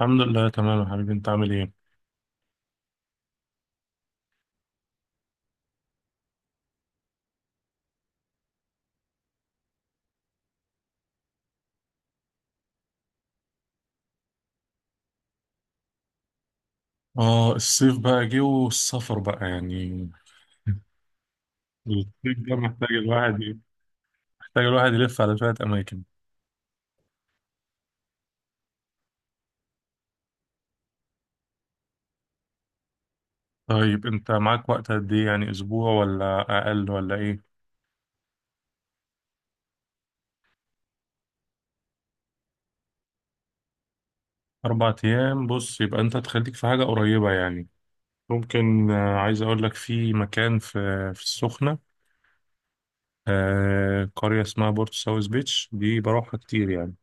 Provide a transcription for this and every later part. الحمد لله تمام يا حبيبي، انت عامل ايه؟ اه الصيف بقى جه والسفر بقى يعني. الصيف ده محتاج الواحد يلف على شوية أماكن. طيب انت معاك وقت قد ايه؟ يعني أسبوع ولا أقل ولا ايه؟ 4 أيام. بص، يبقى انت تخليك في حاجة قريبة يعني، ممكن. عايز أقول لك في مكان في السخنة. قرية اسمها بورتو ساوث بيتش، دي بروحها كتير يعني.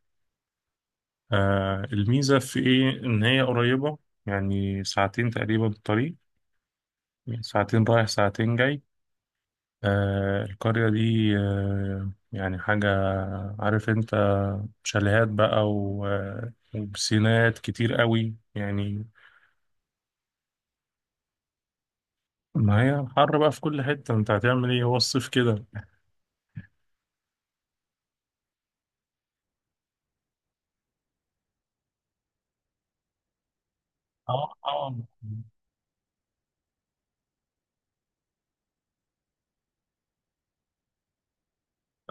الميزة في ايه؟ إن هي قريبة، يعني ساعتين تقريبا الطريق، ساعتين رايح ساعتين جاي. القرية دي يعني حاجة، عارف انت، شاليهات بقى وبسينات كتير قوي يعني. ما هي حر بقى في كل حتة، انت هتعمل ايه؟ هو الصيف كده. اه اه.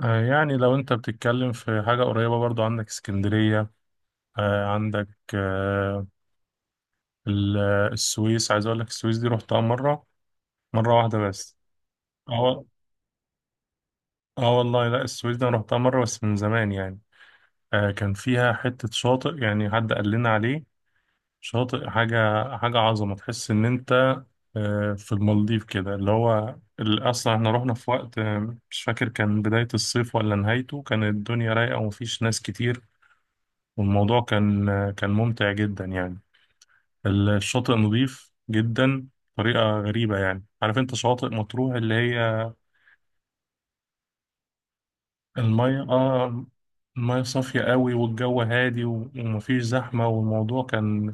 يعني لو انت بتتكلم في حاجة قريبة برضو عندك اسكندرية، عندك آه، السويس، عايز اقول لك السويس دي رحتها مرة، مرة واحدة بس. اه وال- اه والله لا، السويس دي انا رحتها مرة بس من زمان يعني. كان فيها حتة شاطئ، يعني حد قال لنا عليه، شاطئ حاجة، حاجة عظمة، تحس إن أنت في المالديف كده اللي هو أصلا إحنا رحنا في وقت، مش فاكر كان بداية الصيف ولا نهايته، كان الدنيا رايقة ومفيش ناس كتير. والموضوع كان كان ممتع جدا يعني. الشاطئ نظيف جدا بطريقة غريبة، يعني عارف أنت شواطئ مطروح اللي هي المية المية صافية قوي، والجو هادي و- ومفيش زحمة، والموضوع كان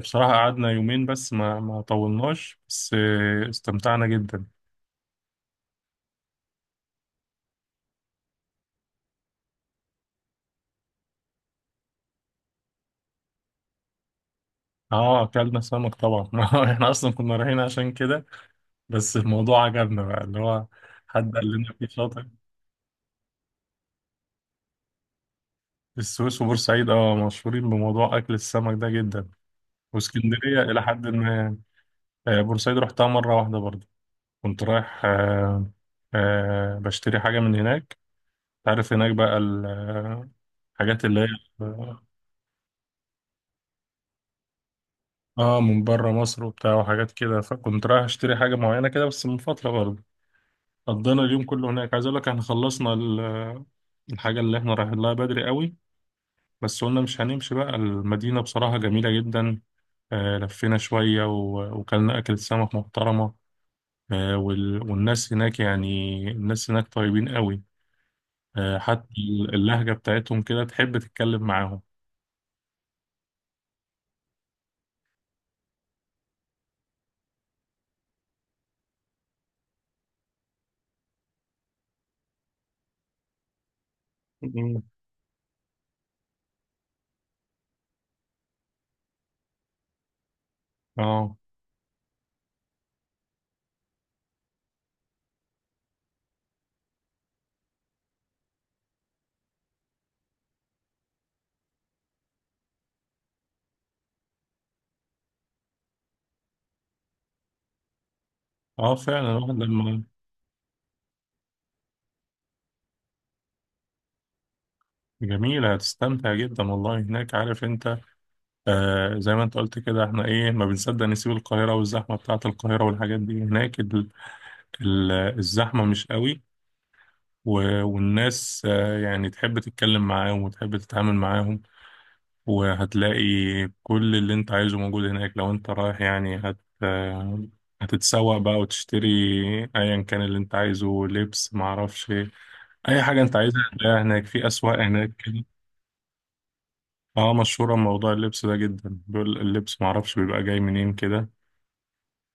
بصراحة قعدنا يومين بس، ما طولناش، بس استمتعنا جدا. اه اكلنا سمك طبعا ما هو احنا اصلا كنا رايحين عشان كده. بس الموضوع عجبنا بقى، اللي هو حد قال لنا في شاطئ. السويس وبورسعيد اه مشهورين بموضوع اكل السمك ده جدا، واسكندرية الى حد ما يعني. بورسعيد رحتها مرة واحدة برضه، كنت رايح بشتري حاجة من هناك. تعرف هناك بقى الحاجات اللي هي اه من بره مصر وبتاع وحاجات كده، فكنت رايح اشتري حاجه معينه كده بس من فتره برضه. قضينا اليوم كله هناك، عايز اقول لك احنا خلصنا الحاجه اللي احنا رايحين لها بدري قوي، بس قلنا مش هنمشي بقى. المدينه بصراحه جميله جدا، آه لفينا شويه و- وكلنا اكلة سمك محترمه. آه وال- والناس هناك يعني، الناس هناك طيبين قوي، آه حتى اللهجه بتاعتهم كده تحب تتكلم معاهم. مم. اه اه، فعلا الواحد لما. جميلة، هتستمتع جدا والله هناك، عارف انت. آه زي ما انت قلت كده، احنا ايه، ما بنصدق نسيب القاهرة والزحمة بتاعة القاهرة والحاجات دي. هناك ال الزحمة مش قوي، و- والناس يعني تحب تتكلم معاهم وتحب تتعامل معاهم. وهتلاقي كل اللي انت عايزه موجود هناك، لو انت رايح يعني هت آه هتتسوق بقى وتشتري ايا كان اللي انت عايزه، لبس معرفش ايه. اي حاجة انت عايزها هتلاقيها هناك، في اسواق هناك كده. اه مشهورة موضوع اللبس ده جدا، بيقول اللبس معرفش بيبقى جاي منين كده،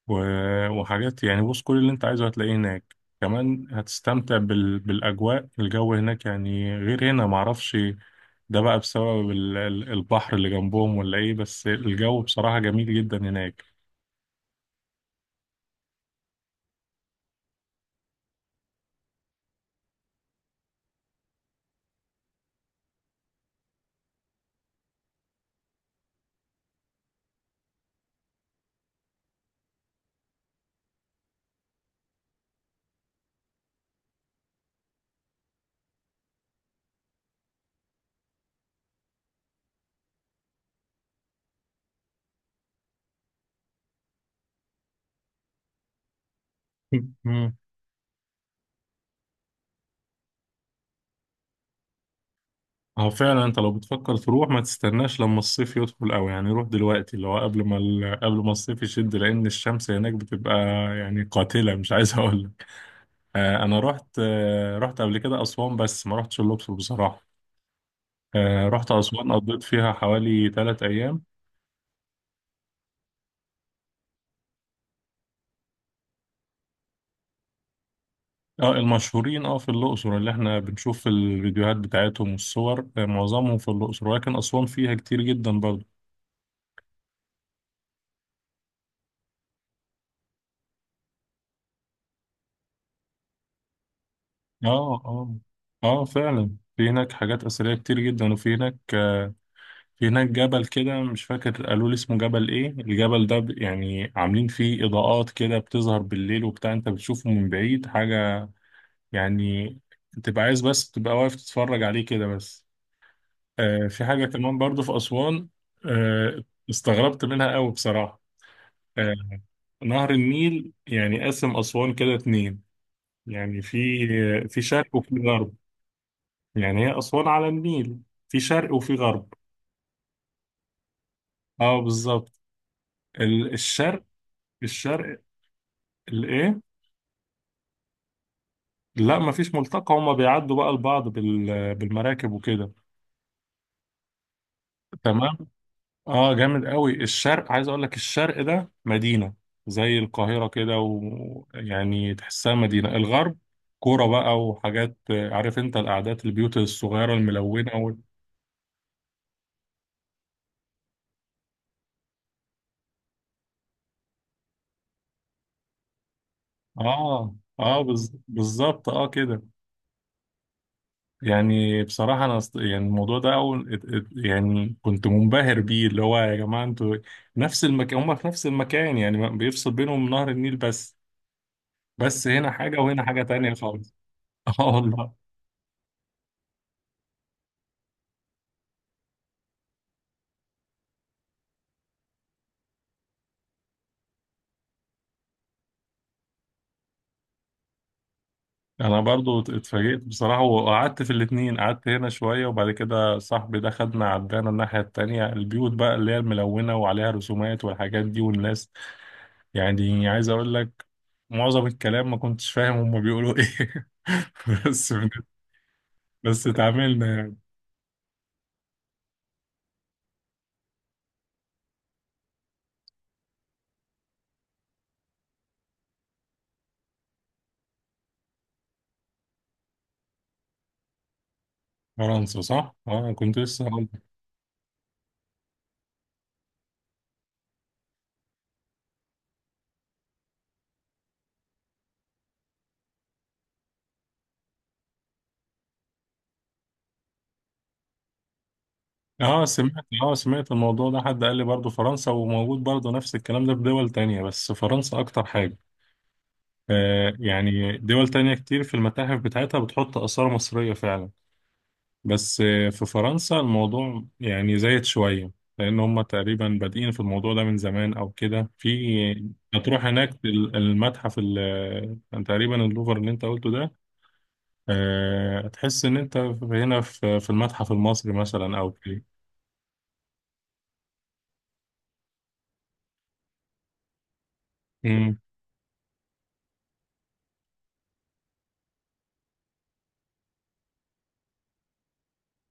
و- وحاجات يعني. بص، كل اللي انت عايزه هتلاقيه هناك، كمان هتستمتع بالأجواء. الجو هناك يعني غير هنا معرفش، ده بقى بسبب البحر اللي جنبهم ولا ايه، بس الجو بصراحة جميل جدا هناك. مم. هو فعلا انت لو بتفكر تروح ما تستناش لما الصيف يدخل قوي، يعني روح دلوقتي اللي هو قبل ما الصيف يشد، لان الشمس هناك بتبقى يعني قاتلة، مش عايز اقول لك. انا رحت قبل كده اسوان، بس ما رحتش الاقصر بصراحة. رحت أسوان، قضيت فيها حوالي 3 أيام. اه المشهورين، اه في الأقصر اللي احنا بنشوف في الفيديوهات بتاعتهم والصور، معظمهم في الأقصر، ولكن أسوان فيها كتير جدا برضه. اه اه. اه فعلا في هناك حاجات أثرية كتير جدا، وفي هناك آه، في هناك جبل كده، مش فاكر قالوا لي اسمه جبل ايه. الجبل ده يعني عاملين فيه إضاءات كده بتظهر بالليل وبتاع، انت بتشوفه من بعيد حاجة يعني، تبقى عايز بس تبقى واقف تتفرج عليه كده بس. في حاجة كمان برضو في أسوان، آه، استغربت منها قوي بصراحة. آه، نهر النيل يعني قسم أسوان كده اتنين، يعني في شرق وفي غرب. يعني هي أسوان على النيل، في شرق وفي غرب. اه بالظبط، الشرق. الشرق الايه لا مفيش ملتقى، هما بيعدوا بقى لبعض بال- بالمراكب وكده. تمام. اه جامد قوي، الشرق عايز اقول لك الشرق ده مدينة زي القاهرة كده، ويعني تحسها مدينة. الغرب كورة بقى وحاجات، عارف انت القعدات، البيوت الصغيرة الملونة و... اه اه، بالظبط، اه كده. يعني بصراحة انا يعني الموضوع ده اول يعني كنت منبهر بيه، اللي هو يا جماعة انتوا نفس المكان، هما في نفس المكان يعني بيفصل بينهم نهر النيل بس، بس هنا حاجة وهنا حاجة تانية خالص. اه والله. انا برضو اتفاجئت بصراحة، وقعدت في الاتنين، قعدت هنا شوية وبعد كده صاحبي ده خدنا عدانا الناحية التانية، البيوت بقى اللي هي الملونة وعليها رسومات والحاجات دي والناس، يعني عايز اقول لك معظم الكلام ما كنتش فاهم هما بيقولوا ايه. بس بس اتعاملنا يعني. فرنسا صح؟ اه كنت لسه هقول لك. اه سمعت الموضوع ده، حد قال لي برضو فرنسا، وموجود برضو نفس الكلام ده في دول تانية، بس فرنسا اكتر حاجة. يعني دول تانية كتير في المتاحف بتاعتها بتحط آثار مصرية فعلا، بس في فرنسا الموضوع يعني زايد شوية، لأن هم تقريبا بادئين في الموضوع ده من زمان أو كده. في هتروح هناك المتحف تقريبا اللوفر اللي أنت قلته ده. هتحس إن أنت هنا في المتحف المصري مثلا أو كده. أمم.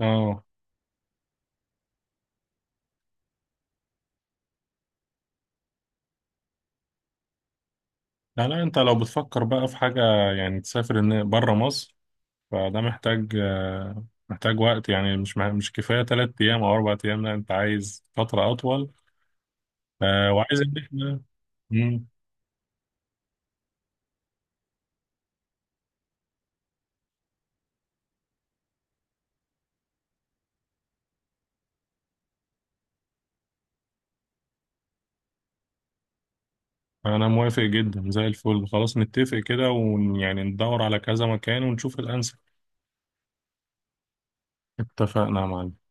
آه لا لا، أنت لو بتفكر بقى في حاجة، يعني تسافر بره مصر، فده محتاج وقت، يعني مش كفاية 3 أيام أو 4 أيام، لا أنت عايز فترة أطول. وعايز إن إحنا. مم. أنا موافق جدا زي الفل، خلاص نتفق كده ويعني ندور على كذا مكان ونشوف الأنسب. اتفقنا يا معلم.